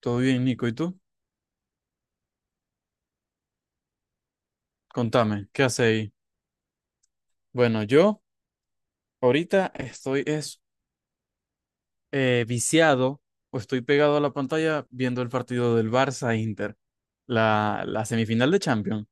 Todo bien, Nico. ¿Y tú? Contame, ¿qué haces ahí? Bueno, yo ahorita estoy viciado o estoy pegado a la pantalla viendo el partido del Barça-Inter, la semifinal de Champions.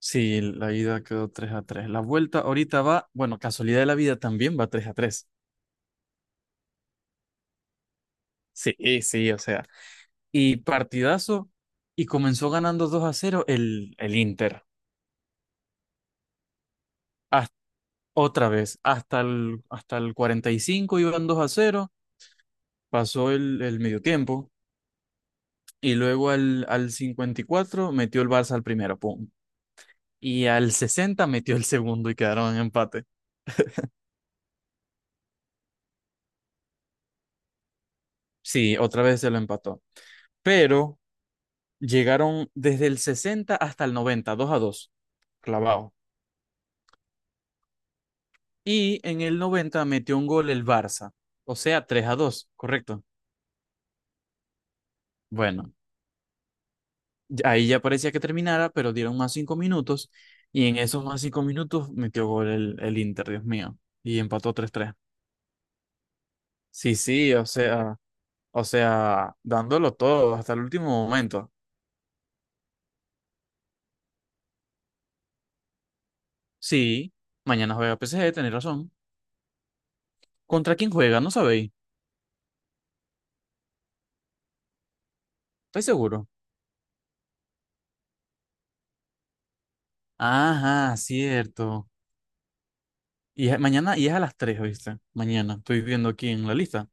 Sí, la ida quedó 3 a 3. La vuelta ahorita va, bueno, casualidad de la vida también va 3 a 3. Sí, sí, o sea. Y partidazo, y comenzó ganando 2 a cero el Inter. Hasta- Otra vez, hasta el 45 iban 2 a cero. Pasó el medio tiempo y luego al 54 metió el Barça al primero, pum. Y al 60 metió el segundo y quedaron en empate. Sí, otra vez se lo empató. Pero llegaron desde el 60 hasta el 90, 2 a 2 clavado. Y en el 90 metió un gol el Barça, o sea, 3 a 2 correcto. Bueno, ahí ya parecía que terminara, pero dieron más 5 minutos y en esos más 5 minutos metió gol el Inter, Dios mío, y empató tres tres. Sí, sí, o sea. O sea, dándolo todo hasta el último momento. Sí, mañana juega PSG, tenéis razón. ¿Contra quién juega? No sabéis. ¿Estáis seguro? Ajá, cierto. Mañana, y es a las 3, ¿viste? Mañana, estoy viendo aquí en la lista.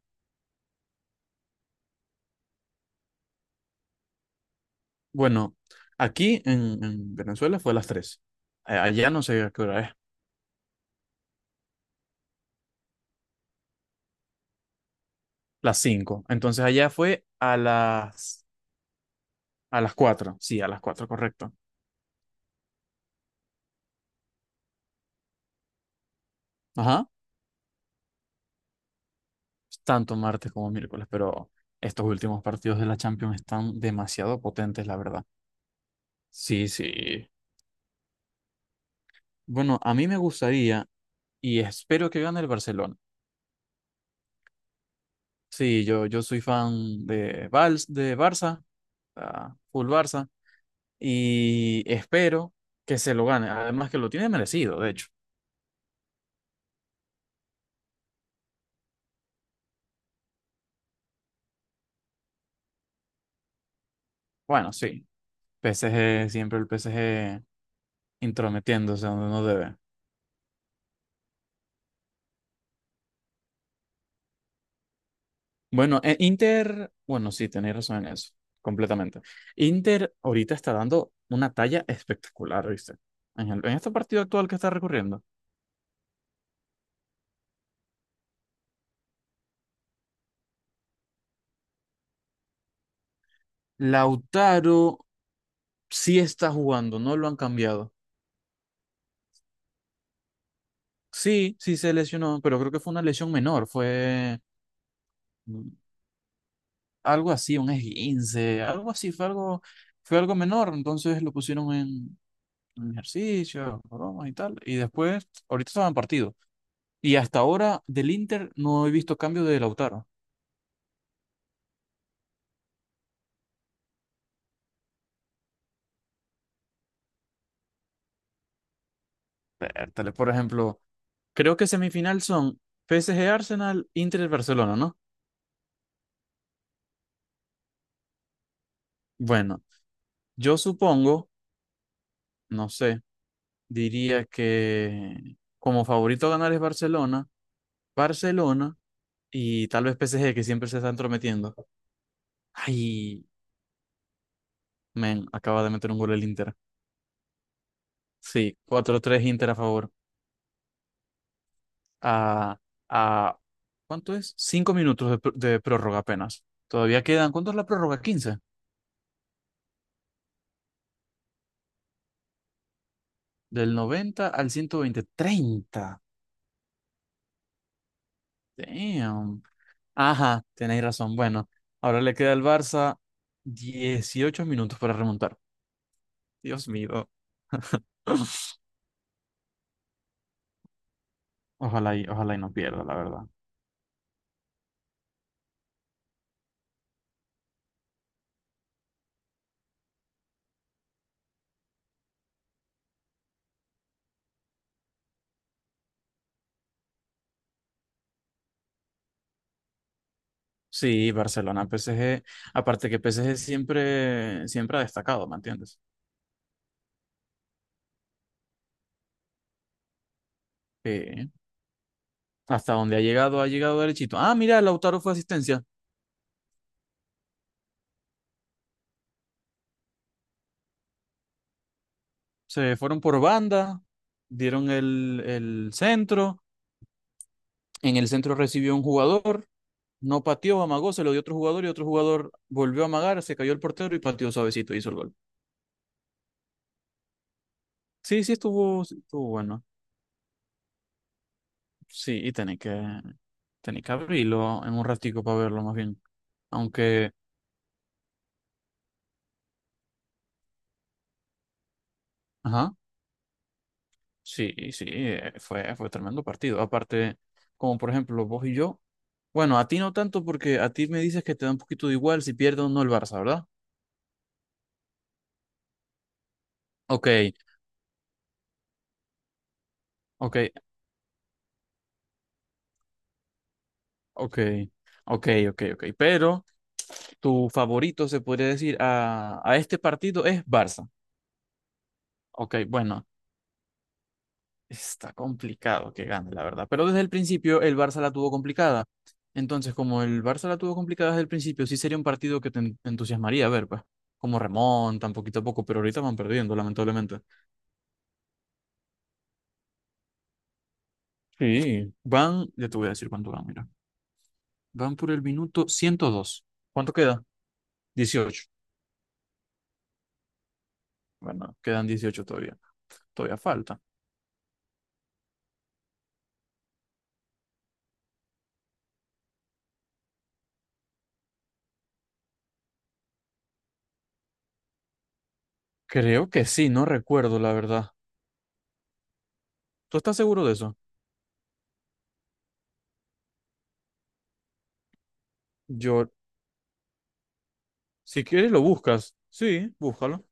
Bueno, aquí en Venezuela fue a las 3. Allá no sé a qué hora es. Las 5. Entonces allá fue a las 4. Sí, a las 4, correcto. Ajá. Tanto martes como miércoles, pero estos últimos partidos de la Champions están demasiado potentes, la verdad. Sí, sí. Bueno, a mí me gustaría y espero que gane el Barcelona. Sí, yo soy fan de, Vals, de Barça, ah, full Barça, y espero que se lo gane. Además que lo tiene merecido, de hecho. Bueno, sí, PSG, siempre el PSG intrometiéndose donde no debe. Bueno, Inter, bueno, sí, tenéis razón en eso, completamente. Inter ahorita está dando una talla espectacular, ¿viste? En este partido actual que está recurriendo. Lautaro sí está jugando, no lo han cambiado. Sí, sí se lesionó, pero creo que fue una lesión menor, fue mm, algo así, un esguince, algo así, fue algo menor, entonces lo pusieron en ejercicio, bromas y tal, y después, ahorita estaba en partido. Y hasta ahora del Inter no he visto cambio de Lautaro. Vértale, por ejemplo, creo que semifinal son PSG Arsenal, Inter Barcelona, ¿no? Bueno, yo supongo, no sé, diría que como favorito a ganar es Barcelona, Barcelona y tal vez PSG que siempre se está entrometiendo. Ay, men, acaba de meter un gol el Inter. Sí, cuatro tres Inter a favor. A, a, ¿Cuánto es? Cinco minutos de prórroga apenas. Todavía quedan, ¿cuánto es la prórroga? 15. Del 90 al 120 treinta. Damn. Ajá, tenéis razón. Bueno, ahora le queda al Barça 18 minutos para remontar. Dios mío. Ojalá y no pierda, la verdad. Sí, Barcelona, PSG. Aparte que PSG siempre ha destacado, ¿me entiendes? Sí. Hasta donde ha llegado derechito. Ah, mira, Lautaro fue asistencia. Se fueron por banda, dieron el centro. En el centro recibió un jugador, no pateó, amagó, se lo dio otro jugador y otro jugador volvió a amagar, se cayó el portero y pateó suavecito, hizo el gol. Sí, sí estuvo bueno. Sí, y tenés que abrirlo en un ratico para verlo más bien. Aunque, ajá, sí, sí, fue tremendo partido. Aparte, como por ejemplo vos y yo, bueno, a ti no tanto porque a ti me dices que te da un poquito de igual si pierde o no el Barça, ¿verdad? Ok, ok, ok, ok, ok, ok. Pero tu favorito, se podría decir, a este partido es Barça. Ok, bueno, está complicado que gane, la verdad. Pero desde el principio el Barça la tuvo complicada. Entonces, como el Barça la tuvo complicada desde el principio, sí sería un partido que te entusiasmaría a ver, pues, como remontan poquito a poco, pero ahorita van perdiendo, lamentablemente. Sí. Van, ya te voy a decir cuánto van, mira. Van por el minuto ciento dos. ¿Cuánto queda? 18. Bueno, quedan 18 todavía. Todavía falta. Creo que sí, no recuerdo, la verdad. ¿Tú estás seguro de eso? Yo, si quieres lo buscas. Sí, búscalo.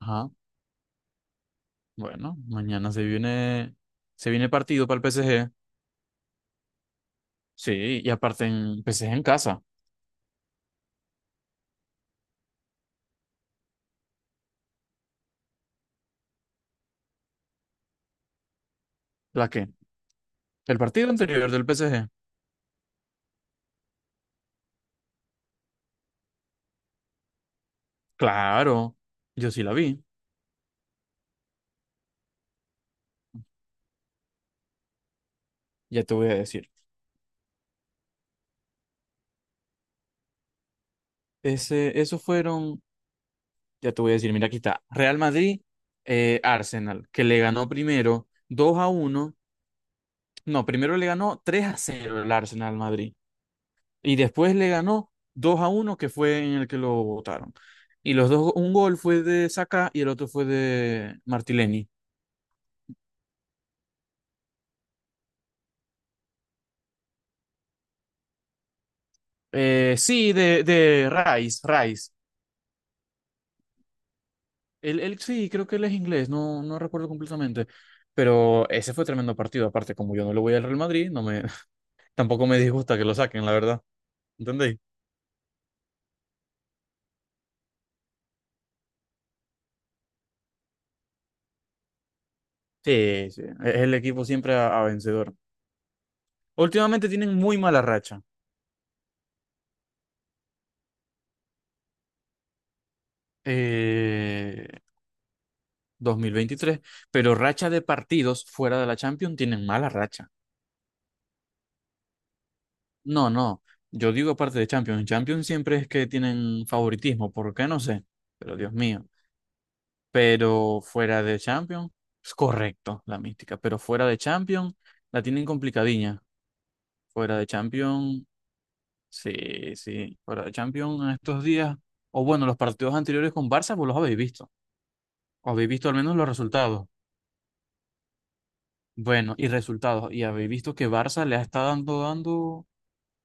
Ajá. Bueno, mañana se viene partido para el PSG. Sí, y aparte en PSG en casa. ¿La qué? El partido anterior del PSG. Claro, yo sí la vi. Ya te voy a decir. Ese, esos fueron, ya te voy a decir, mira, aquí está. Real Madrid, Arsenal, que le ganó primero 2 a uno. No, primero le ganó 3 a cero el Arsenal al Madrid. Y después le ganó 2 a uno que fue en el que lo votaron. Y los dos, un gol fue de Saka y el otro fue de Martileni. De Rice, Rice. Él sí, creo que él es inglés, no recuerdo completamente. Pero ese fue tremendo partido. Aparte, como yo no le voy al Real Madrid, no me, tampoco me disgusta que lo saquen, la verdad. ¿Entendéis? Sí, sí. Es el equipo siempre a vencedor. Últimamente tienen muy mala racha. Eh, 2023, pero racha de partidos fuera de la Champions tienen mala racha. No, no, yo digo aparte de Champions, en Champions siempre es que tienen favoritismo, ¿por qué? No sé, pero Dios mío, pero fuera de Champions, es correcto la mística, pero fuera de Champions la tienen complicadilla, fuera de Champions, sí, sí, fuera de Champions en estos días, o bueno, los partidos anteriores con Barça, vos los habéis visto, o habéis visto al menos los resultados. Bueno, y resultados, y habéis visto que Barça le ha estado dando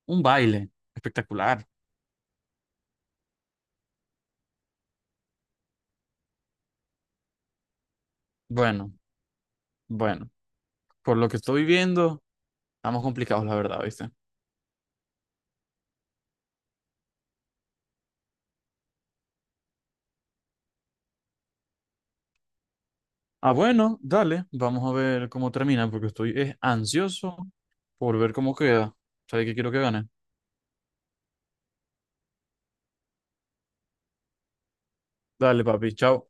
un baile. Espectacular. Bueno, bueno. Por lo que estoy viendo, estamos complicados, la verdad, ¿viste? Ah, bueno, dale. Vamos a ver cómo termina, porque estoy ansioso por ver cómo queda. ¿Sabes qué quiero que gane? Dale, papi. Chao.